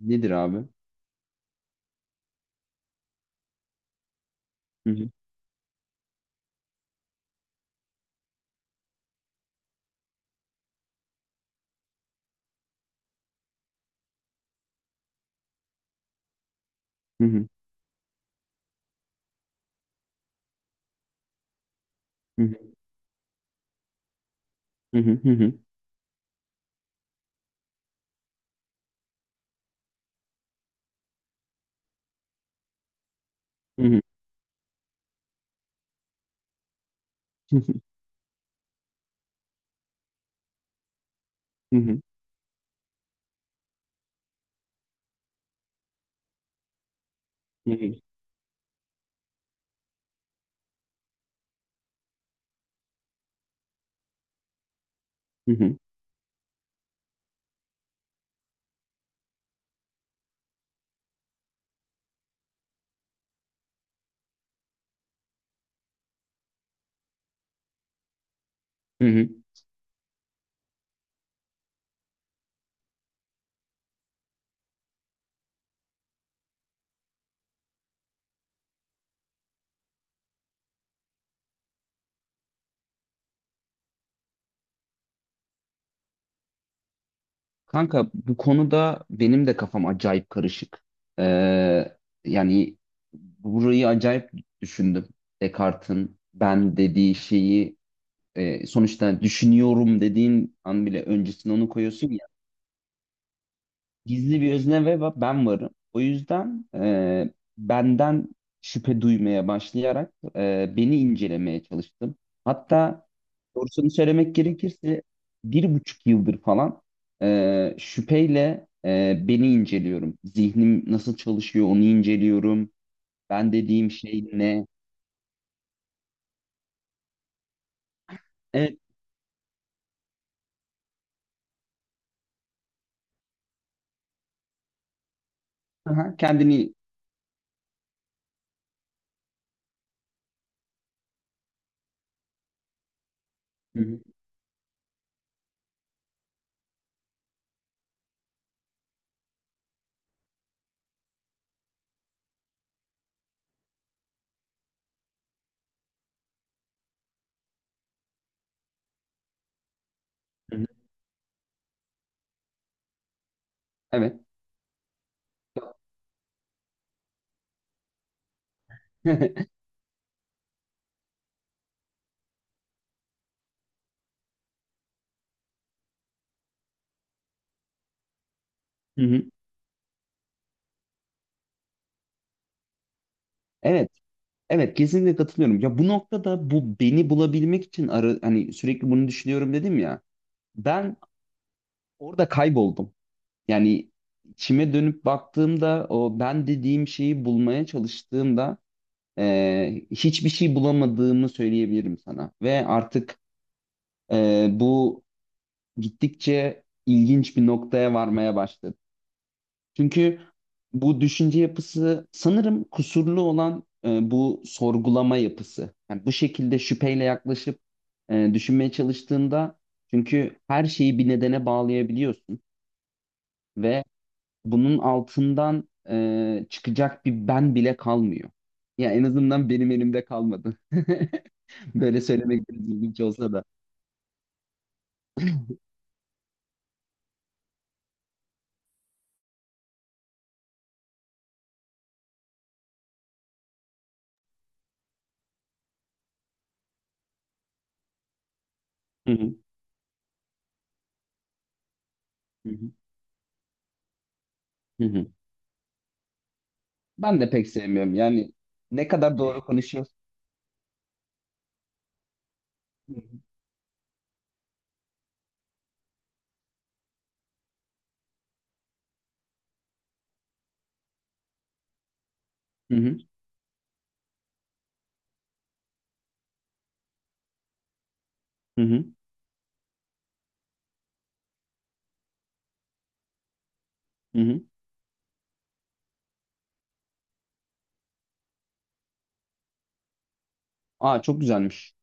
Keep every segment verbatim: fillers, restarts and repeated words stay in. Nedir abi? Hı hı. Hı hı. Hı hı. Hı hı. Hı hı. Hı hı. Hı hı. Hı hı. Hı hı. Hı hı. Kanka bu konuda benim de kafam acayip karışık. Ee, Yani burayı acayip düşündüm. Descartes'in ben dediği şeyi e, sonuçta düşünüyorum dediğin an bile öncesine onu koyuyorsun ya. Gizli bir özne ve va- ben varım. O yüzden e, benden şüphe duymaya başlayarak e, beni incelemeye çalıştım. Hatta doğrusunu söylemek gerekirse bir buçuk yıldır falan e, şüpheyle e, beni inceliyorum. Zihnim nasıl çalışıyor onu inceliyorum. Ben dediğim şey ne? Evet. Aha, kendini... Hı hı, hı hı. Evet. Hı hı. Evet. Evet, kesinlikle katılıyorum. Ya bu noktada bu beni bulabilmek için ara, hani sürekli bunu düşünüyorum dedim ya. Ben orada kayboldum. Yani içime dönüp baktığımda o ben dediğim şeyi bulmaya çalıştığımda e, hiçbir şey bulamadığımı söyleyebilirim sana. Ve artık e, bu gittikçe ilginç bir noktaya varmaya başladı. Çünkü bu düşünce yapısı sanırım kusurlu olan e, bu sorgulama yapısı. Yani bu şekilde şüpheyle yaklaşıp e, düşünmeye çalıştığında çünkü her şeyi bir nedene bağlayabiliyorsun ve bunun altından e, çıkacak bir ben bile kalmıyor. Ya en azından benim elimde kalmadı. Böyle söylemek biraz ilginç olsa da. Hı hı, hı hı, hı hı. Ben de pek sevmiyorum. Yani ne kadar doğru konuşuyorsun. Hı hı, hı hı, hı hı. Hı hı. Aa, çok güzelmiş.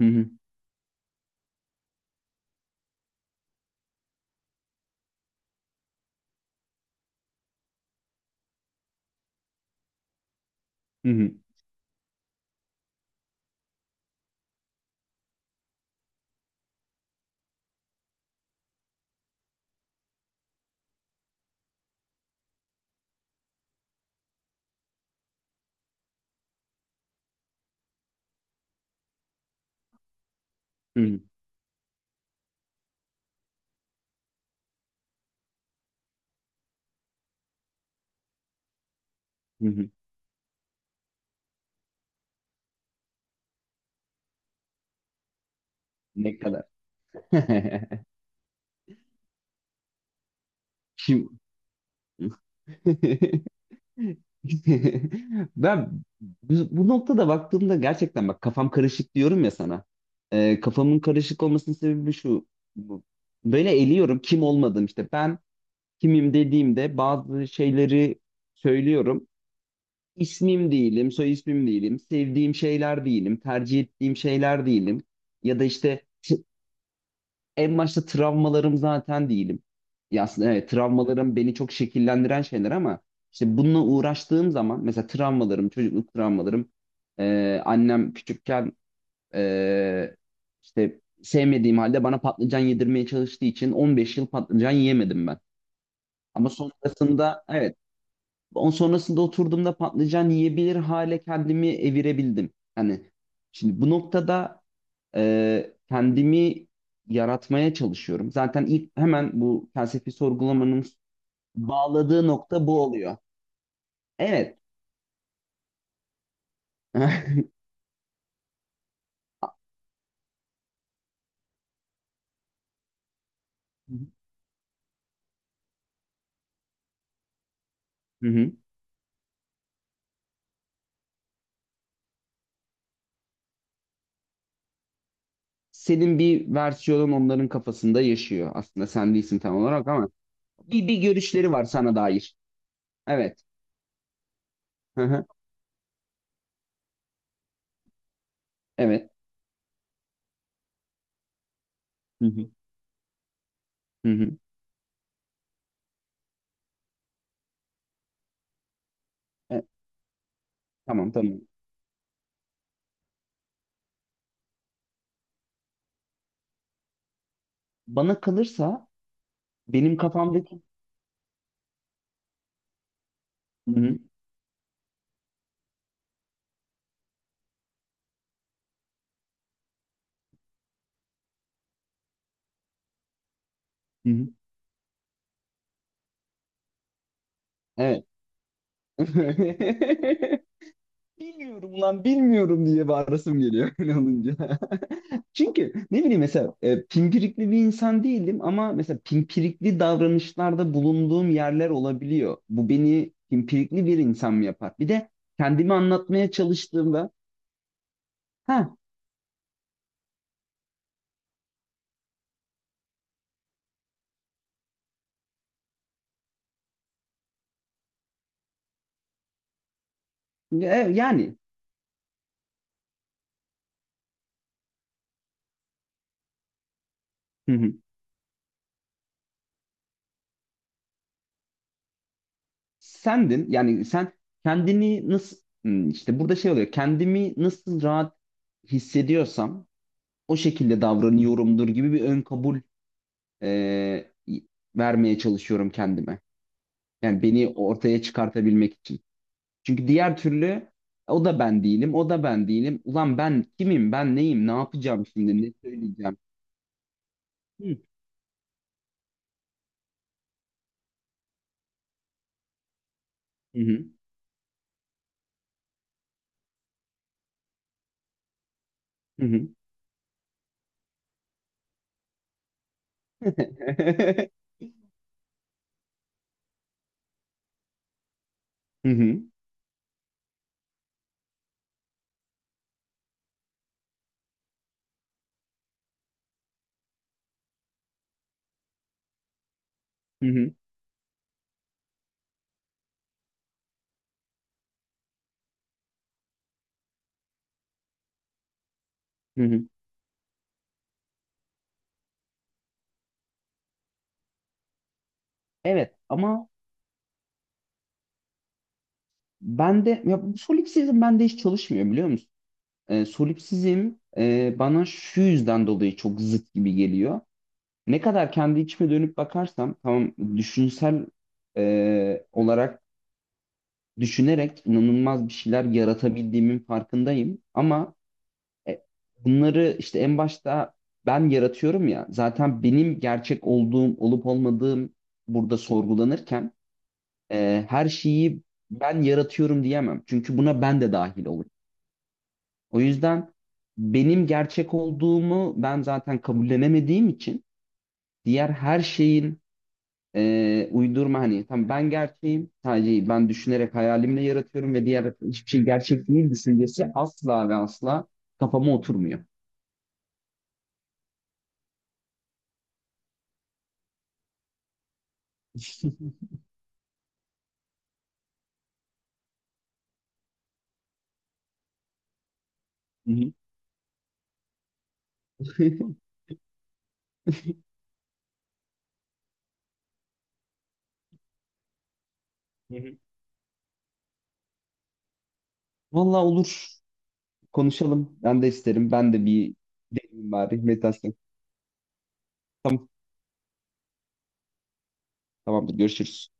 Hı hı. Hı hı. Hı hı. Hı hı. Ne kadar. Şimdi ben bu, bu noktada baktığımda gerçekten bak kafam karışık diyorum ya sana. Ee, kafamın karışık olmasının sebebi şu. Bu- Böyle eliyorum kim olmadım işte. Ben kimim dediğimde bazı şeyleri söylüyorum. İsmim değilim, soy ismim değilim, sevdiğim şeyler değilim, tercih ettiğim şeyler değilim. Ya da işte en başta travmalarım zaten değilim. Ya aslında evet travmalarım beni çok şekillendiren şeyler ama işte bununla uğraştığım zaman mesela travmalarım, çocukluk travmalarım, e, annem küçükken e, işte sevmediğim halde bana patlıcan yedirmeye çalıştığı için on beş yıl patlıcan yiyemedim ben. Ama sonrasında evet, on sonrasında oturduğumda patlıcan yiyebilir hale kendimi evirebildim. Hani şimdi bu noktada e, kendimi yaratmaya çalışıyorum. Zaten ilk hemen bu felsefi sorgulamanın bağladığı nokta bu oluyor. Evet. Hı hı. Senin bir versiyonun onların kafasında yaşıyor. Aslında sen değilsin tam olarak ama bir, bir görüşleri var sana dair. Evet. Hı hı. Evet. Hı hı. Hı hı. E, tamam, tamam. Bana kalırsa benim kafamdaki... Hı hı. Hı hı. Evet. Bilmiyorum lan, bilmiyorum diye bağırasım geliyor öyle olunca. Çünkü ne bileyim mesela e, pimpirikli bir insan değilim ama mesela pimpirikli davranışlarda bulunduğum yerler olabiliyor. Bu beni pimpirikli bir insan mı yapar? Bir de kendimi anlatmaya çalıştığımda ha e, yani hı hı, sendin yani sen kendini nasıl hmm, işte burada şey oluyor, kendimi nasıl rahat hissediyorsam o şekilde davranıyorumdur gibi bir ön kabul e, vermeye çalışıyorum kendime. Yani beni ortaya çıkartabilmek için. Çünkü diğer türlü o da ben değilim, o da ben değilim. Ulan ben kimim, ben neyim, ne yapacağım şimdi, ne söyleyeceğim? Hı hı, hı hı. Hı hı, hı hı. Hı hı. Evet ama bende, ya bu solipsizm bende hiç çalışmıyor biliyor musun? Ee, solipsizm e, bana şu yüzden dolayı çok zıt gibi geliyor. Ne kadar kendi içime dönüp bakarsam tamam, düşünsel e, olarak düşünerek inanılmaz bir şeyler yaratabildiğimin farkındayım ama E, bunları işte en başta ben yaratıyorum ya. Zaten benim gerçek olduğum, olup olmadığım burada sorgulanırken e, her şeyi ben yaratıyorum diyemem. Çünkü buna ben de dahil olurum. O yüzden benim gerçek olduğumu ben zaten kabullenemediğim için diğer her şeyin e, uydurma, hani tam ben gerçeğim sadece ben düşünerek hayalimle yaratıyorum ve diğer hiçbir şey gerçek değil düşüncesi asla ve asla kafama oturmuyor. Hı hı. Hı hı. Vallahi olur. Konuşalım. Ben de isterim. Ben de bir deneyim bari meditasyon. Tamam. Tamamdır. Görüşürüz.